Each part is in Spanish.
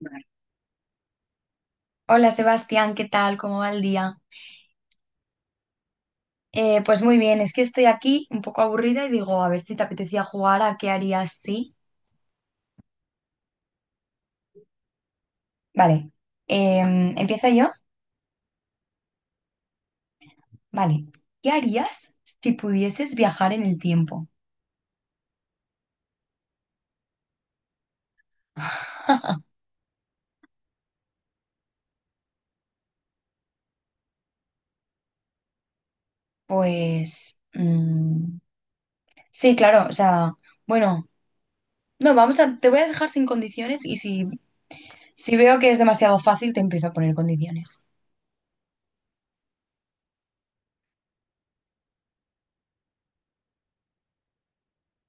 Vale. Hola Sebastián, ¿qué tal? ¿Cómo va el día? Pues muy bien, es que estoy aquí un poco aburrida y digo, a ver si te apetecía jugar a qué harías si. Vale, ¿empiezo yo? Vale. ¿Qué harías si pudieses viajar en el tiempo? Pues sí, claro, o sea, bueno, no, te voy a dejar sin condiciones y si veo que es demasiado fácil, te empiezo a poner condiciones.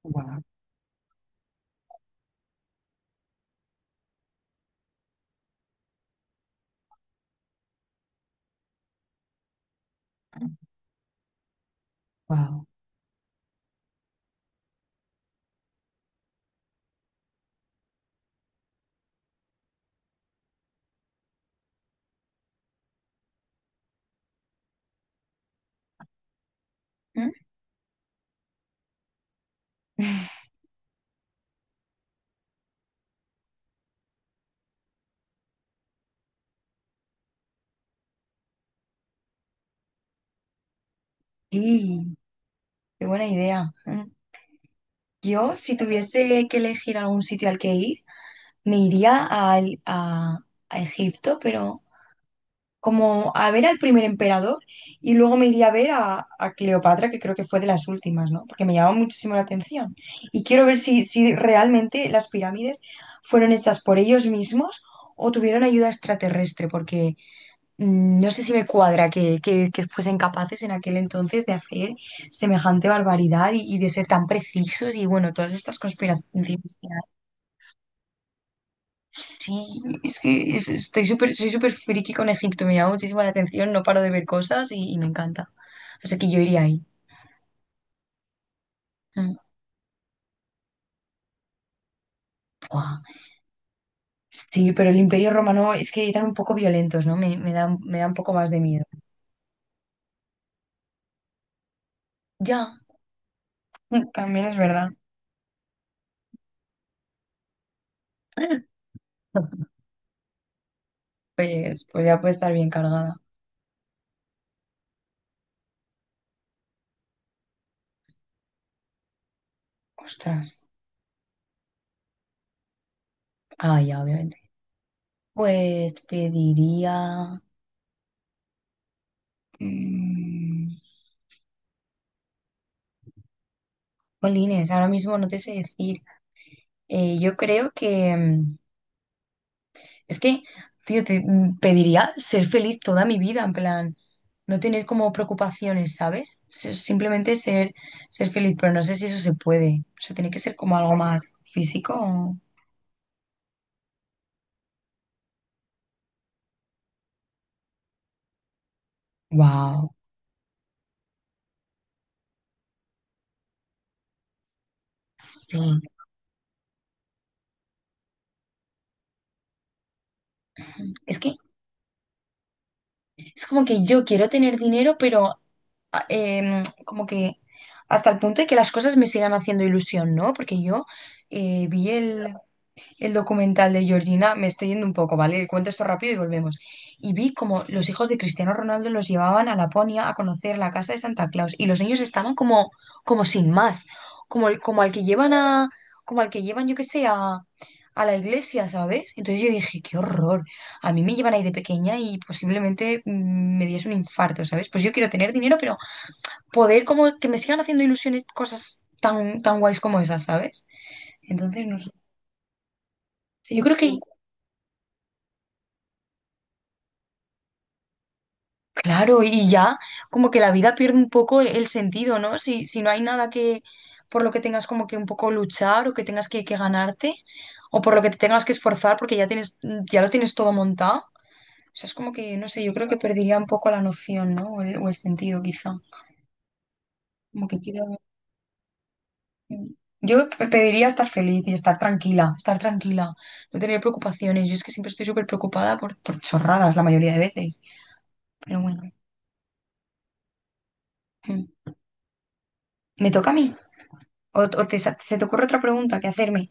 Wow, wow. ¿Mm? Sí, qué buena idea. Yo, si tuviese que elegir algún sitio al que ir, me iría al- a, a Egipto, pero como a ver al primer emperador y luego me iría a ver a Cleopatra, que creo que fue de las últimas, ¿no? Porque me llamó muchísimo la atención. Y quiero ver si, si realmente las pirámides fueron hechas por ellos mismos o tuvieron ayuda extraterrestre, porque no sé si me cuadra que fuesen capaces en aquel entonces de hacer semejante barbaridad y de ser tan precisos y bueno, todas estas conspiraciones que hay. Sí, es que estoy súper, soy súper friki con Egipto, me llama muchísimo la atención, no paro de ver cosas y me encanta. Así que yo iría ahí. Mm, buah. Sí, pero el Imperio Romano es que eran un poco violentos, ¿no? Me da un poco más de miedo. Ya, también es verdad. Pues, pues ya puede estar bien cargada. Ostras. Ah, ya, obviamente. Pues pediría diría... mm, jolines, ahora mismo no te sé decir. Yo creo que... es que, tío, te pediría ser feliz toda mi vida, en plan, no tener como preocupaciones, ¿sabes? Simplemente ser, ser feliz, pero no sé si eso se puede. O sea, tiene que ser como algo más físico. Wow. Sí. Es que es como que yo quiero tener dinero, pero como que hasta el punto de que las cosas me sigan haciendo ilusión, ¿no? Porque yo vi el documental de Georgina, me estoy yendo un poco, ¿vale? Cuento esto rápido y volvemos. Y vi como los hijos de Cristiano Ronaldo los llevaban a Laponia a conocer la casa de Santa Claus y los niños estaban como, como sin más, como al que llevan a, como al que llevan, yo qué sé, a la iglesia, ¿sabes? Entonces yo dije, qué horror. A mí me llevan ahí de pequeña y posiblemente me diese un infarto, ¿sabes? Pues yo quiero tener dinero, pero poder como que me sigan haciendo ilusiones cosas tan, tan guays como esas, ¿sabes? Entonces, no sé. Yo creo que, claro, y ya como que la vida pierde un poco el sentido, ¿no? Si no hay nada que por lo que tengas como que un poco luchar o que tengas que ganarte o por lo que te tengas que esforzar porque ya tienes, ya lo tienes todo montado. O sea, es como que, no sé, yo creo que perdería un poco la noción, ¿no? O el sentido, quizá. Como que queda. Yo pediría estar feliz y estar tranquila, no tener preocupaciones. Yo es que siempre estoy súper preocupada por chorradas la mayoría de veces. Pero bueno, mm. ¿Me toca a mí? ¿O, se te ocurre otra pregunta que hacerme?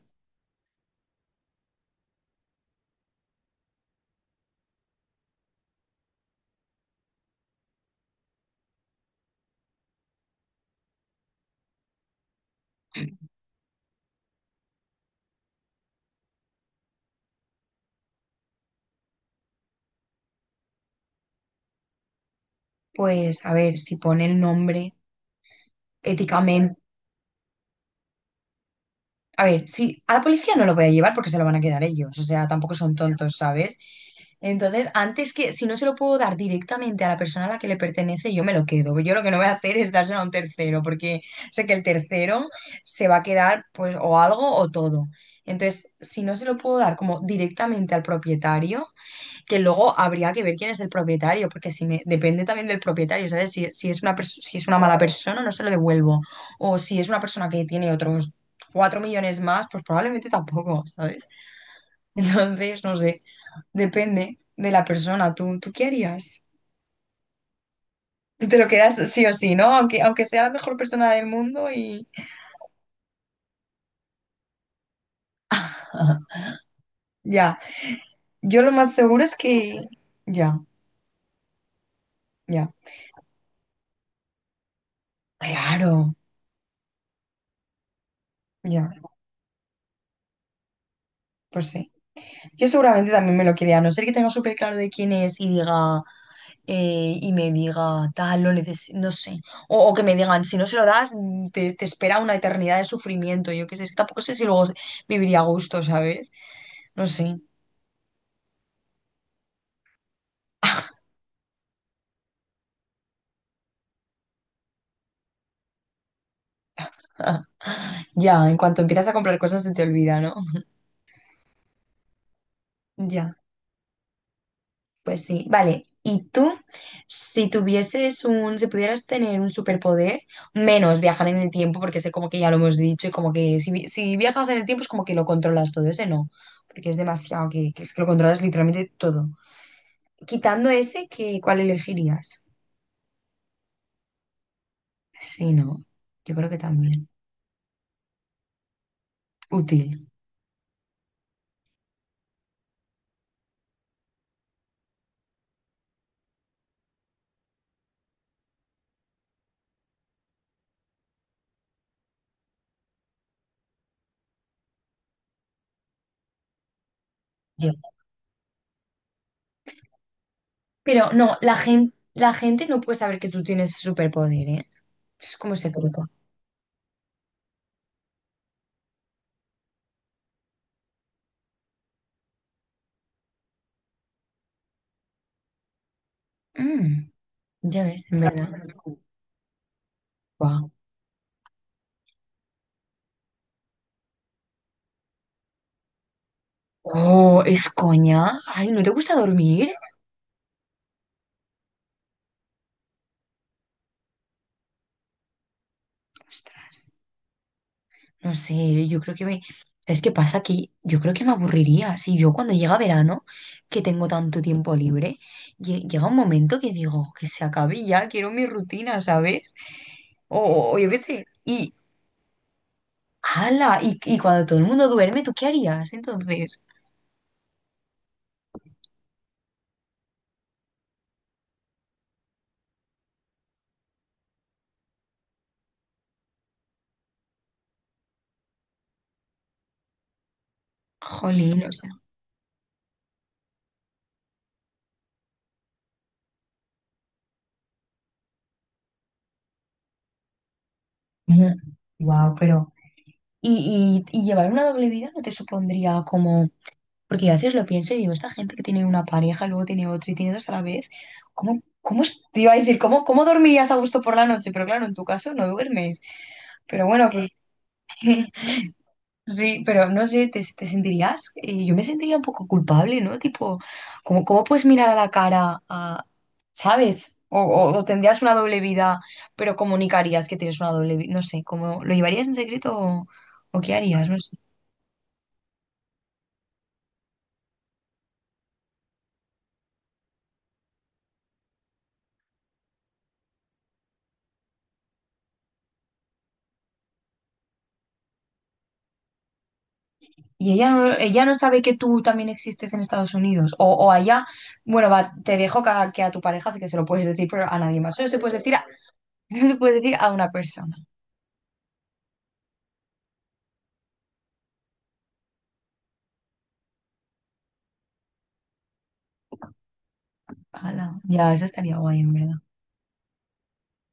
Pues a ver, si pone el nombre éticamente. A ver, sí, a la policía no lo voy a llevar porque se lo van a quedar ellos, o sea, tampoco son tontos, ¿sabes? Entonces, antes que, si no se lo puedo dar directamente a la persona a la que le pertenece, yo me lo quedo. Yo lo que no voy a hacer es dárselo a un tercero, porque sé que el tercero se va a quedar, pues, o algo o todo. Entonces, si no se lo puedo dar como directamente al propietario, que luego habría que ver quién es el propietario, porque si me, depende también del propietario, ¿sabes? Si es una mala persona, no se lo devuelvo. O si es una persona que tiene otros 4 millones más, pues probablemente tampoco, ¿sabes? Entonces, no sé, depende de la persona. Tú qué harías? Tú te lo quedas sí o sí, ¿no? Aunque sea la mejor persona del mundo y... Ya, yo lo más seguro es que... Ya, ya, claro, ya, pues sí. Yo seguramente también me lo quede, a no ser que tenga súper claro de quién es y diga, y me diga, tal, no sé. O que me digan, si no se lo das, te espera una eternidad de sufrimiento. Yo qué sé, es que tampoco sé si luego viviría a gusto, ¿sabes? No sé. Ya, en cuanto empiezas a comprar cosas se te olvida, ¿no? Ya. Pues sí, vale. ¿Y tú, si pudieras tener un superpoder, menos viajar en el tiempo, porque sé como que ya lo hemos dicho, y como que si viajas en el tiempo es como que lo controlas todo, ese no, porque es demasiado, que es que lo controlas literalmente todo. Quitando ese, ¿qué, cuál elegirías? Sí, no, yo creo que también. Útil, yo. Pero no, la gente no puede saber que tú tienes superpoder, ¿eh? Es como secreto. Mm, ya ves, en verdad. Guau. Oh, es coña. Ay, ¿no te gusta dormir? Ostras, no sé, yo creo que me... ¿Sabes qué pasa? Que yo creo que me aburriría. Si yo cuando llega verano, que tengo tanto tiempo libre, llega un momento que digo, que se acabe ya, quiero mi rutina, ¿sabes? O, o yo qué sé. Y, ala, y cuando todo el mundo duerme, ¿tú qué harías entonces? Jolín, o sea. Wow, pero... ¿Y llevar una doble vida no te supondría como... Porque yo a veces lo pienso y digo, esta gente que tiene una pareja, luego tiene otra y tiene dos a la vez, te iba a decir, ¿cómo, cómo dormirías a gusto por la noche? Pero claro, en tu caso no duermes. Pero bueno, que, sí, pero no sé, te sentirías, yo me sentiría un poco culpable, ¿no? Tipo, cómo puedes mirar a la cara a, ¿sabes? O tendrías una doble vida, pero comunicarías que tienes una doble vida, no sé, ¿cómo lo llevarías en secreto o qué harías? No sé. Y ella no sabe que tú también existes en Estados Unidos. O allá, bueno, va, te dejo que a tu pareja sí que se lo puedes decir, pero a nadie más. Solo se puede decir a, solo se puede decir a una persona. Ala, ya, eso estaría guay, en verdad.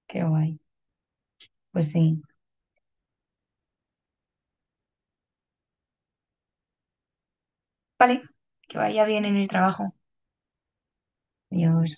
Qué guay. Pues sí. Vale, que vaya bien en el trabajo. Adiós.